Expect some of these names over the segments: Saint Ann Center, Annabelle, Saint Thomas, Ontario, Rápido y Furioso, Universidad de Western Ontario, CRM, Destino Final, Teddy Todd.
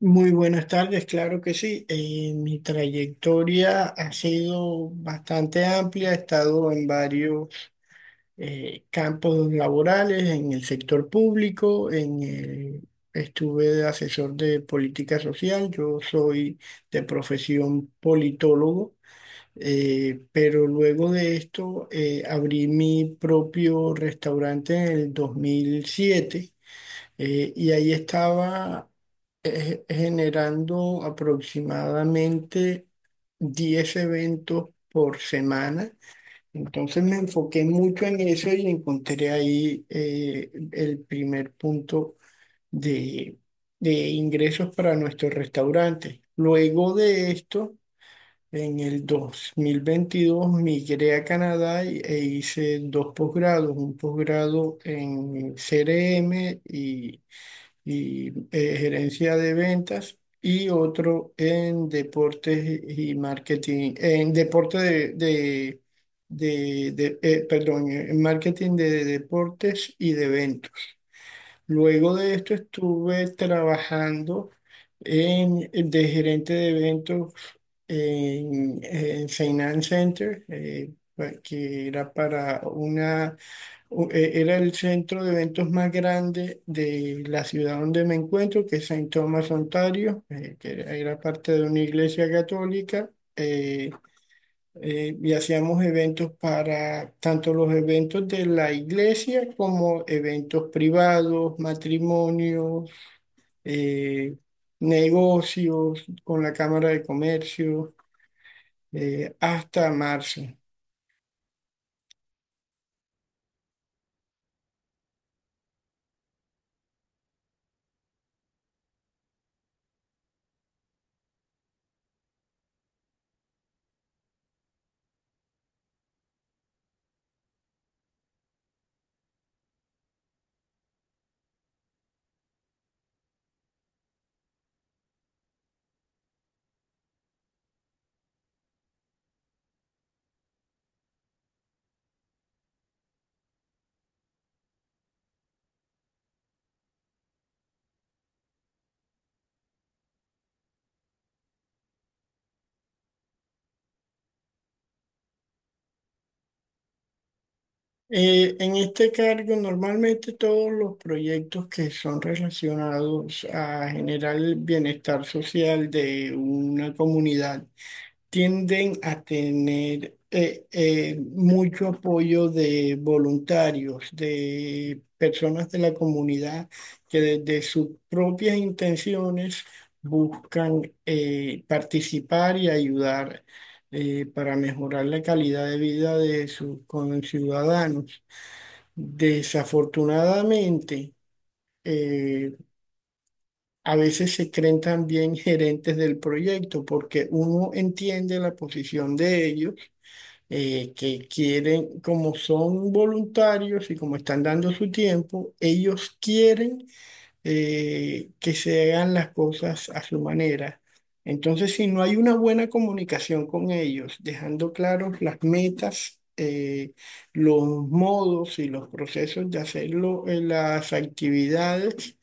Muy buenas tardes, claro que sí. Mi trayectoria ha sido bastante amplia, he estado en varios campos laborales, en el sector público, estuve de asesor de política social, yo soy de profesión politólogo, pero luego de esto abrí mi propio restaurante en el 2007. Y ahí estaba generando aproximadamente 10 eventos por semana. Entonces me enfoqué mucho en eso y encontré ahí el primer punto de, de ingresos para nuestro restaurante. Luego de esto, en el 2022 migré a Canadá e hice dos posgrados, un posgrado en CRM y gerencia de ventas y otro en deportes y marketing, en deporte de, perdón, en marketing de deportes y de eventos. Luego de esto estuve trabajando en, de gerente de eventos en Saint Ann Center, que era para una era el centro de eventos más grande de la ciudad donde me encuentro, que es Saint Thomas, Ontario, que era parte de una iglesia católica. eh, y hacíamos eventos para tanto los eventos de la iglesia como eventos privados, matrimonios, eh, negocios con la Cámara de Comercio, hasta marzo. En este cargo, normalmente todos los proyectos que son relacionados a generar el bienestar social de una comunidad tienden a tener mucho apoyo de voluntarios, de personas de la comunidad que desde sus propias intenciones buscan participar y ayudar para mejorar la calidad de vida de sus conciudadanos. Desafortunadamente, eh, a veces se creen también gerentes del proyecto porque uno entiende la posición de ellos, que quieren, como son voluntarios y como están dando su tiempo, ellos quieren que se hagan las cosas a su manera. Entonces, si no hay una buena comunicación con ellos, dejando claros las metas, los modos y los procesos de hacerlo, las actividades,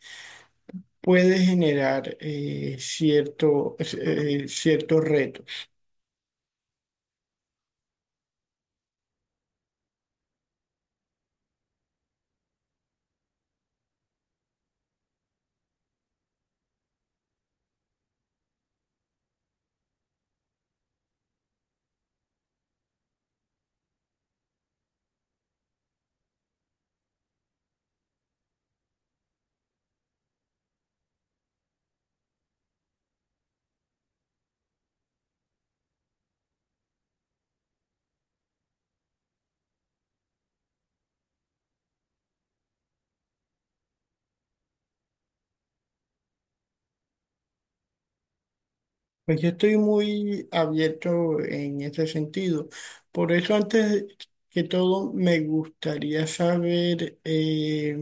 puede generar cierto, ciertos retos. Pues yo estoy muy abierto en ese sentido. Por eso, antes que todo, me gustaría saber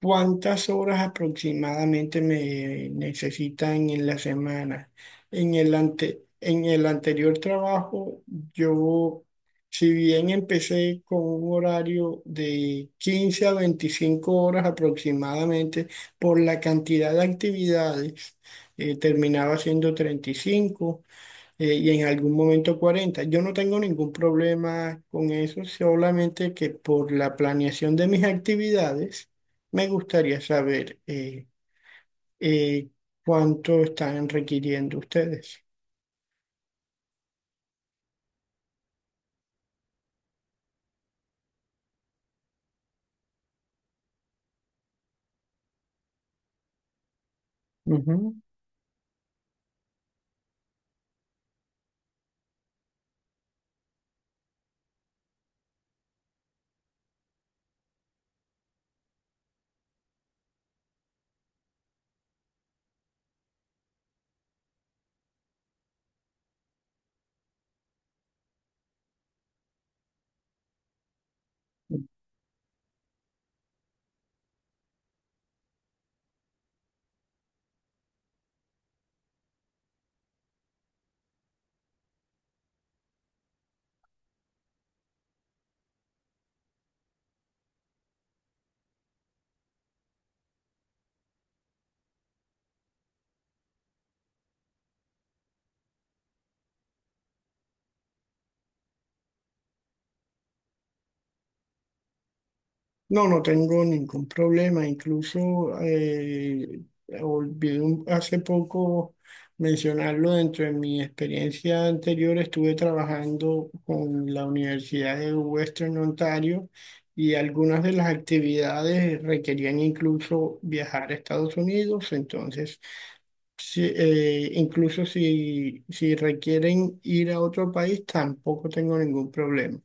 ¿cuántas horas aproximadamente me necesitan en la semana? En el anterior trabajo, yo, si bien empecé con un horario de 15 a 25 horas aproximadamente, por la cantidad de actividades, terminaba siendo 35 y en algún momento 40. Yo no tengo ningún problema con eso, solamente que por la planeación de mis actividades me gustaría saber eh, cuánto están requiriendo ustedes. Ujú. No, no tengo ningún problema. Incluso olvidé hace poco mencionarlo dentro de mi experiencia anterior. Estuve trabajando con la Universidad de Western Ontario y algunas de las actividades requerían incluso viajar a Estados Unidos. Entonces, incluso si requieren ir a otro país, tampoco tengo ningún problema.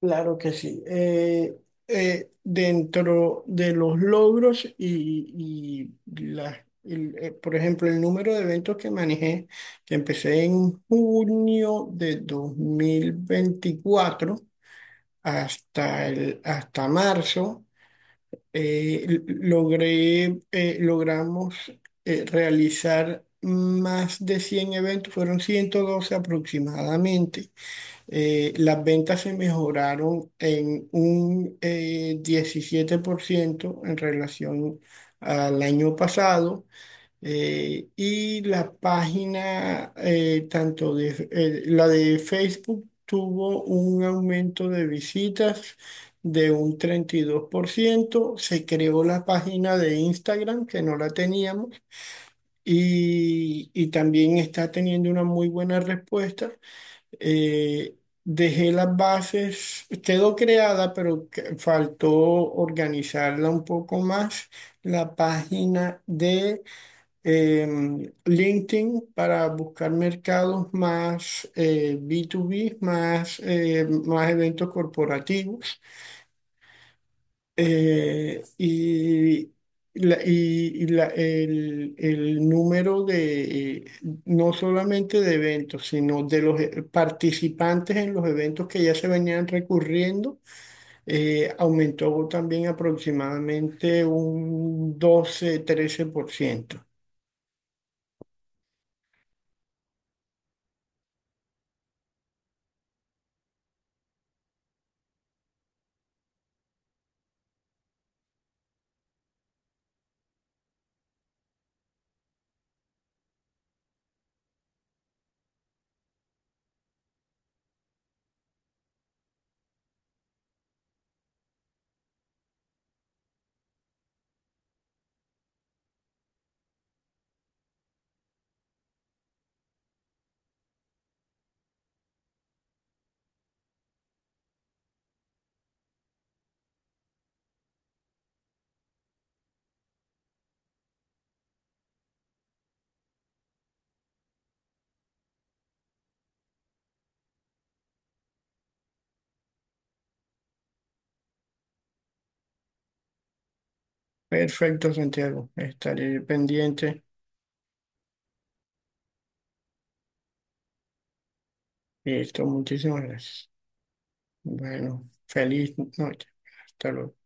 Claro que sí. Dentro de los logros y, por ejemplo, el número de eventos que manejé, que empecé en junio de 2024 hasta, el, hasta marzo, eh, l- logré, logramos realizar más de 100 eventos, fueron 112 aproximadamente. Las ventas se mejoraron en un 17% en relación al año pasado. Y la página, tanto de la de Facebook, tuvo un aumento de visitas de un 32%. Se creó la página de Instagram, que no la teníamos, y también está teniendo una muy buena respuesta. Eh, Dejé las bases, quedó creada, pero faltó organizarla un poco más, la página de LinkedIn, para buscar mercados más B2B, más, más eventos corporativos. Y la, y la- el número de, no solamente de eventos, sino de los participantes en los eventos que ya se venían recurriendo, aumentó también aproximadamente un 12, 13% Perfecto, Santiago. Estaré pendiente. Listo, muchísimas gracias. Bueno, feliz noche. Hasta luego.